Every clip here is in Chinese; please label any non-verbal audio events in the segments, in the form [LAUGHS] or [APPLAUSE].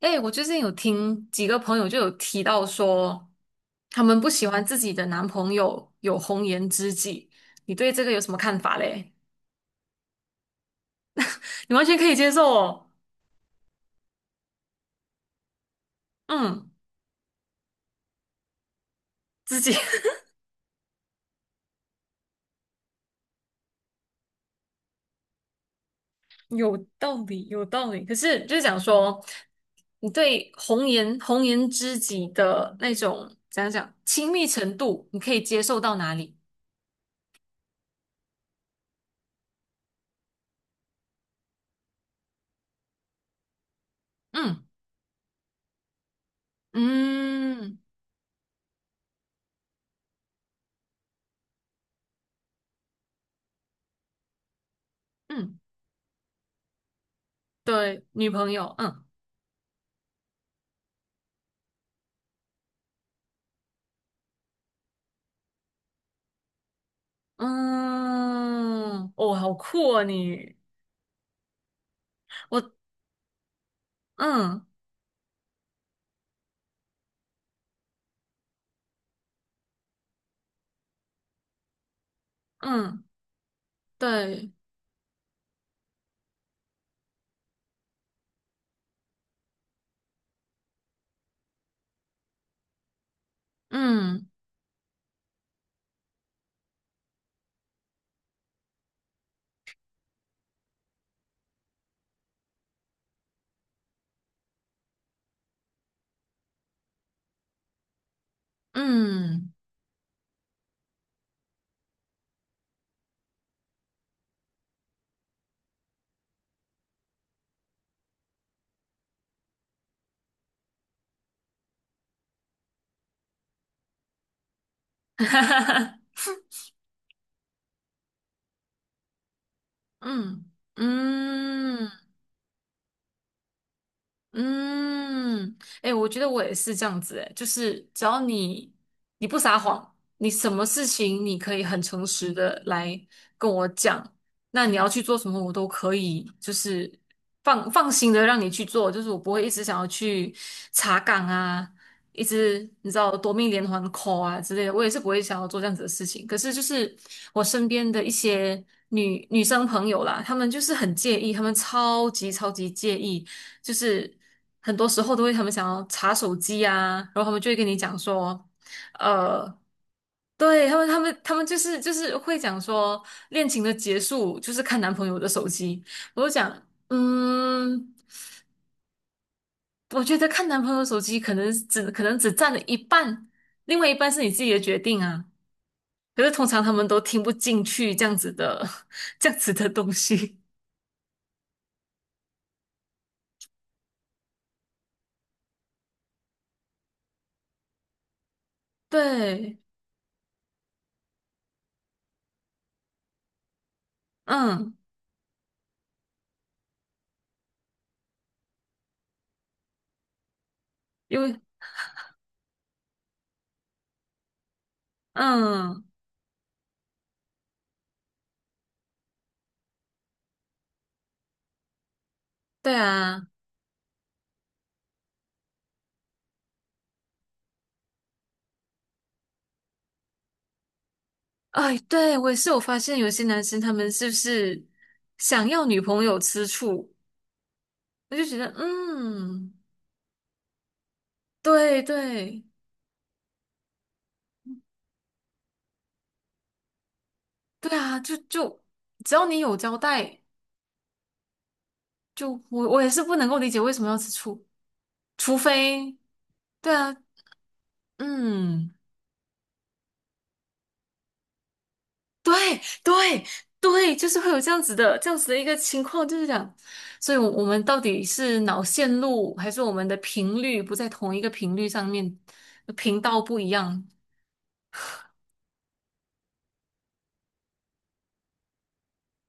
哎，我最近有听几个朋友就有提到说，他们不喜欢自己的男朋友有红颜知己，你对这个有什么看法嘞？你完全可以接受哦，嗯，自己 [LAUGHS] 有道理，有道理。可是就是讲说，你对红颜知己的那种怎样讲亲密程度，你可以接受到哪里？嗯嗯嗯，对，女朋友，嗯嗯，哦，好酷啊你。我嗯嗯，对，嗯嗯，[LAUGHS] 哈哈哈嗯嗯。嗯，哎、我觉得我也是这样子、哎，就是只要你不撒谎，你什么事情你可以很诚实的来跟我讲，那你要去做什么，我都可以，就是放心的让你去做，就是我不会一直想要去查岗啊，一直你知道夺命连环 call 啊之类的，我也是不会想要做这样子的事情。可是就是我身边的一些女生朋友啦，她们就是很介意，她们超级超级介意。就是很多时候都会他们想要查手机啊，然后他们就会跟你讲说，呃，对，他们就是会讲说恋情的结束就是看男朋友的手机，我就讲，嗯，我觉得看男朋友手机可能只占了一半，另外一半是你自己的决定啊。可是通常他们都听不进去这样子的 [LAUGHS] 这样子的东西，[LAUGHS] 对，嗯，因为嗯，对啊。哎，对，我也是有发现，有些男生他们是不是想要女朋友吃醋？我就觉得，嗯，对对对啊，就只要你有交代，就我也是不能够理解为什么要吃醋，除非对啊，嗯，对对对，就是会有这样子的一个情况，就是讲，所以我们到底是脑线路还是我们的频率不在同一个频率上面，频道不一样？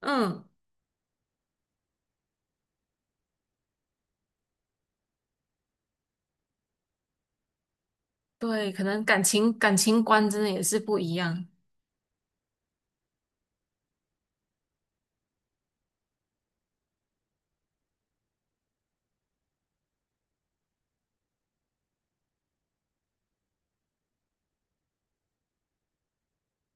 嗯。对，可能感情观真的也是不一样。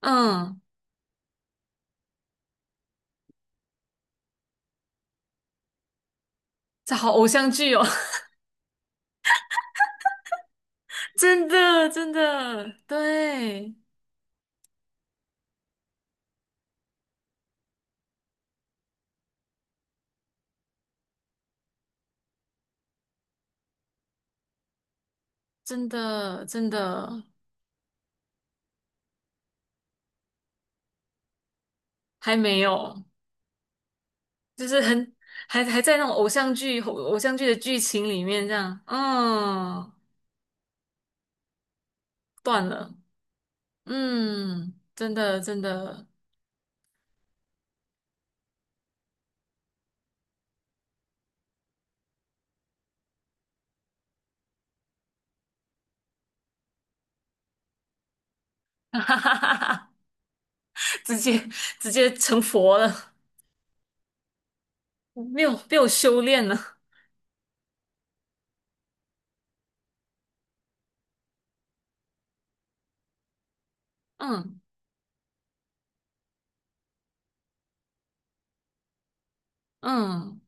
嗯，这好偶像剧哦，[LAUGHS] 真的真的，对，真的真的还没有，就是很还在那种偶像剧的剧情里面这样，嗯，断了，嗯，真的真的，[LAUGHS] 哈哈哈哈，直接直接成佛了，没有被有修炼了，嗯嗯。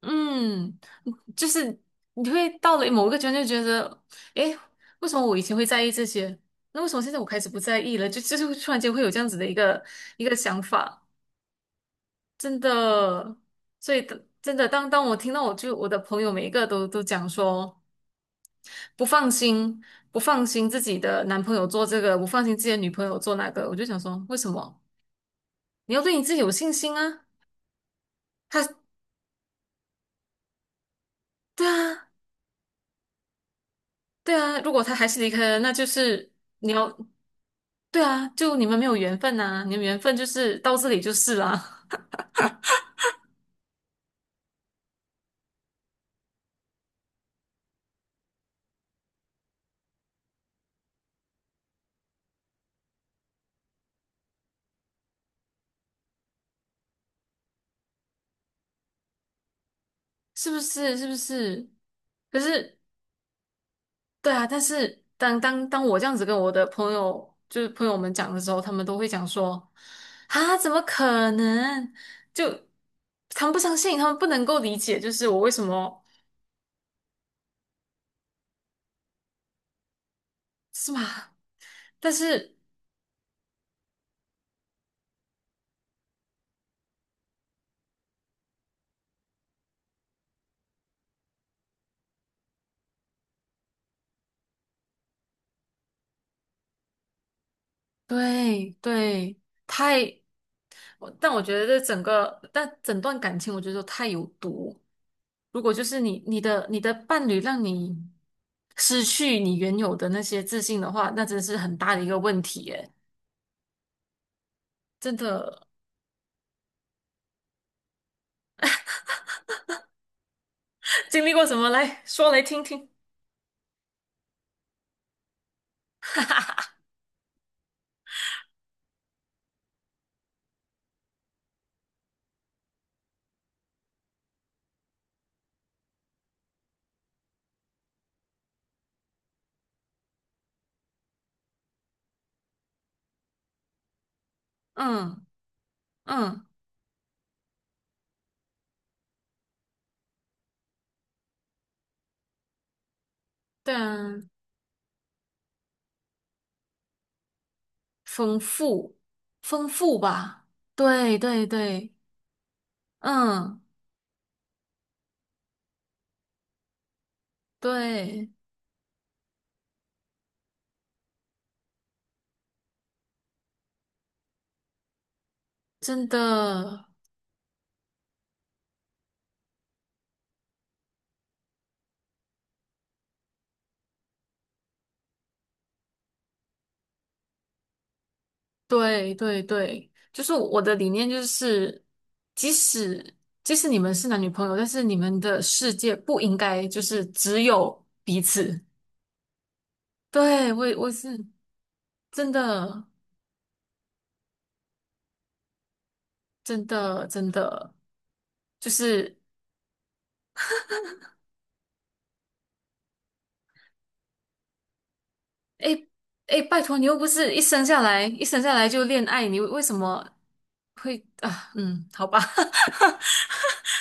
嗯，就是你会到了某一个阶段就觉得，诶，为什么我以前会在意这些？那为什么现在我开始不在意了？就是会突然间会有这样子的一个想法，真的。所以真的，当我听到我的朋友每一个都讲说不放心，不放心自己的男朋友做这个，不放心自己的女朋友做那个，我就想说，为什么？你要对你自己有信心啊！他对啊，对啊，如果他还是离开了，那就是你要。对啊，就你们没有缘分呐、你们缘分就是到这里就是啦，[LAUGHS] 是不是？是不是？可是，对啊，但是当我这样子跟我的朋友，就是朋友们讲的时候，他们都会讲说，啊，怎么可能？就他们不相信，他们不能够理解，就是我为什么是吗？但是，对对，太，我觉得这整个，但整段感情，我觉得都太有毒。如果就是你的伴侣让你失去你原有的那些自信的话，那真是很大的一个问题耶！真的 [LAUGHS] 经历过什么来说来听听。嗯嗯，对啊，丰富丰富吧，对对对，嗯对，真的。对对对，就是我的理念就是，即使即使你们是男女朋友，但是你们的世界不应该就是只有彼此。对，我是真的真的真的，就是诶诶，拜托你又不是一生下来就恋爱，你为什么会啊？嗯，好吧，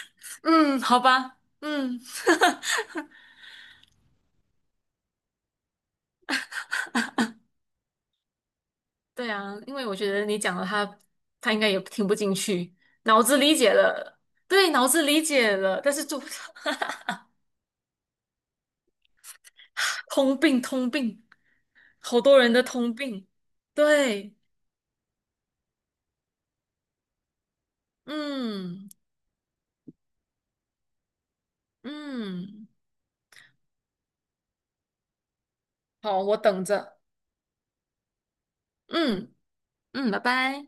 [LAUGHS] 嗯，好吧，嗯。对啊，因为我觉得你讲了他，他应该也听不进去，脑子理解了，对，脑子理解了，但是就 [LAUGHS] 通病，通病，好多人的通病，对，嗯嗯，好，我等着，嗯嗯，拜拜。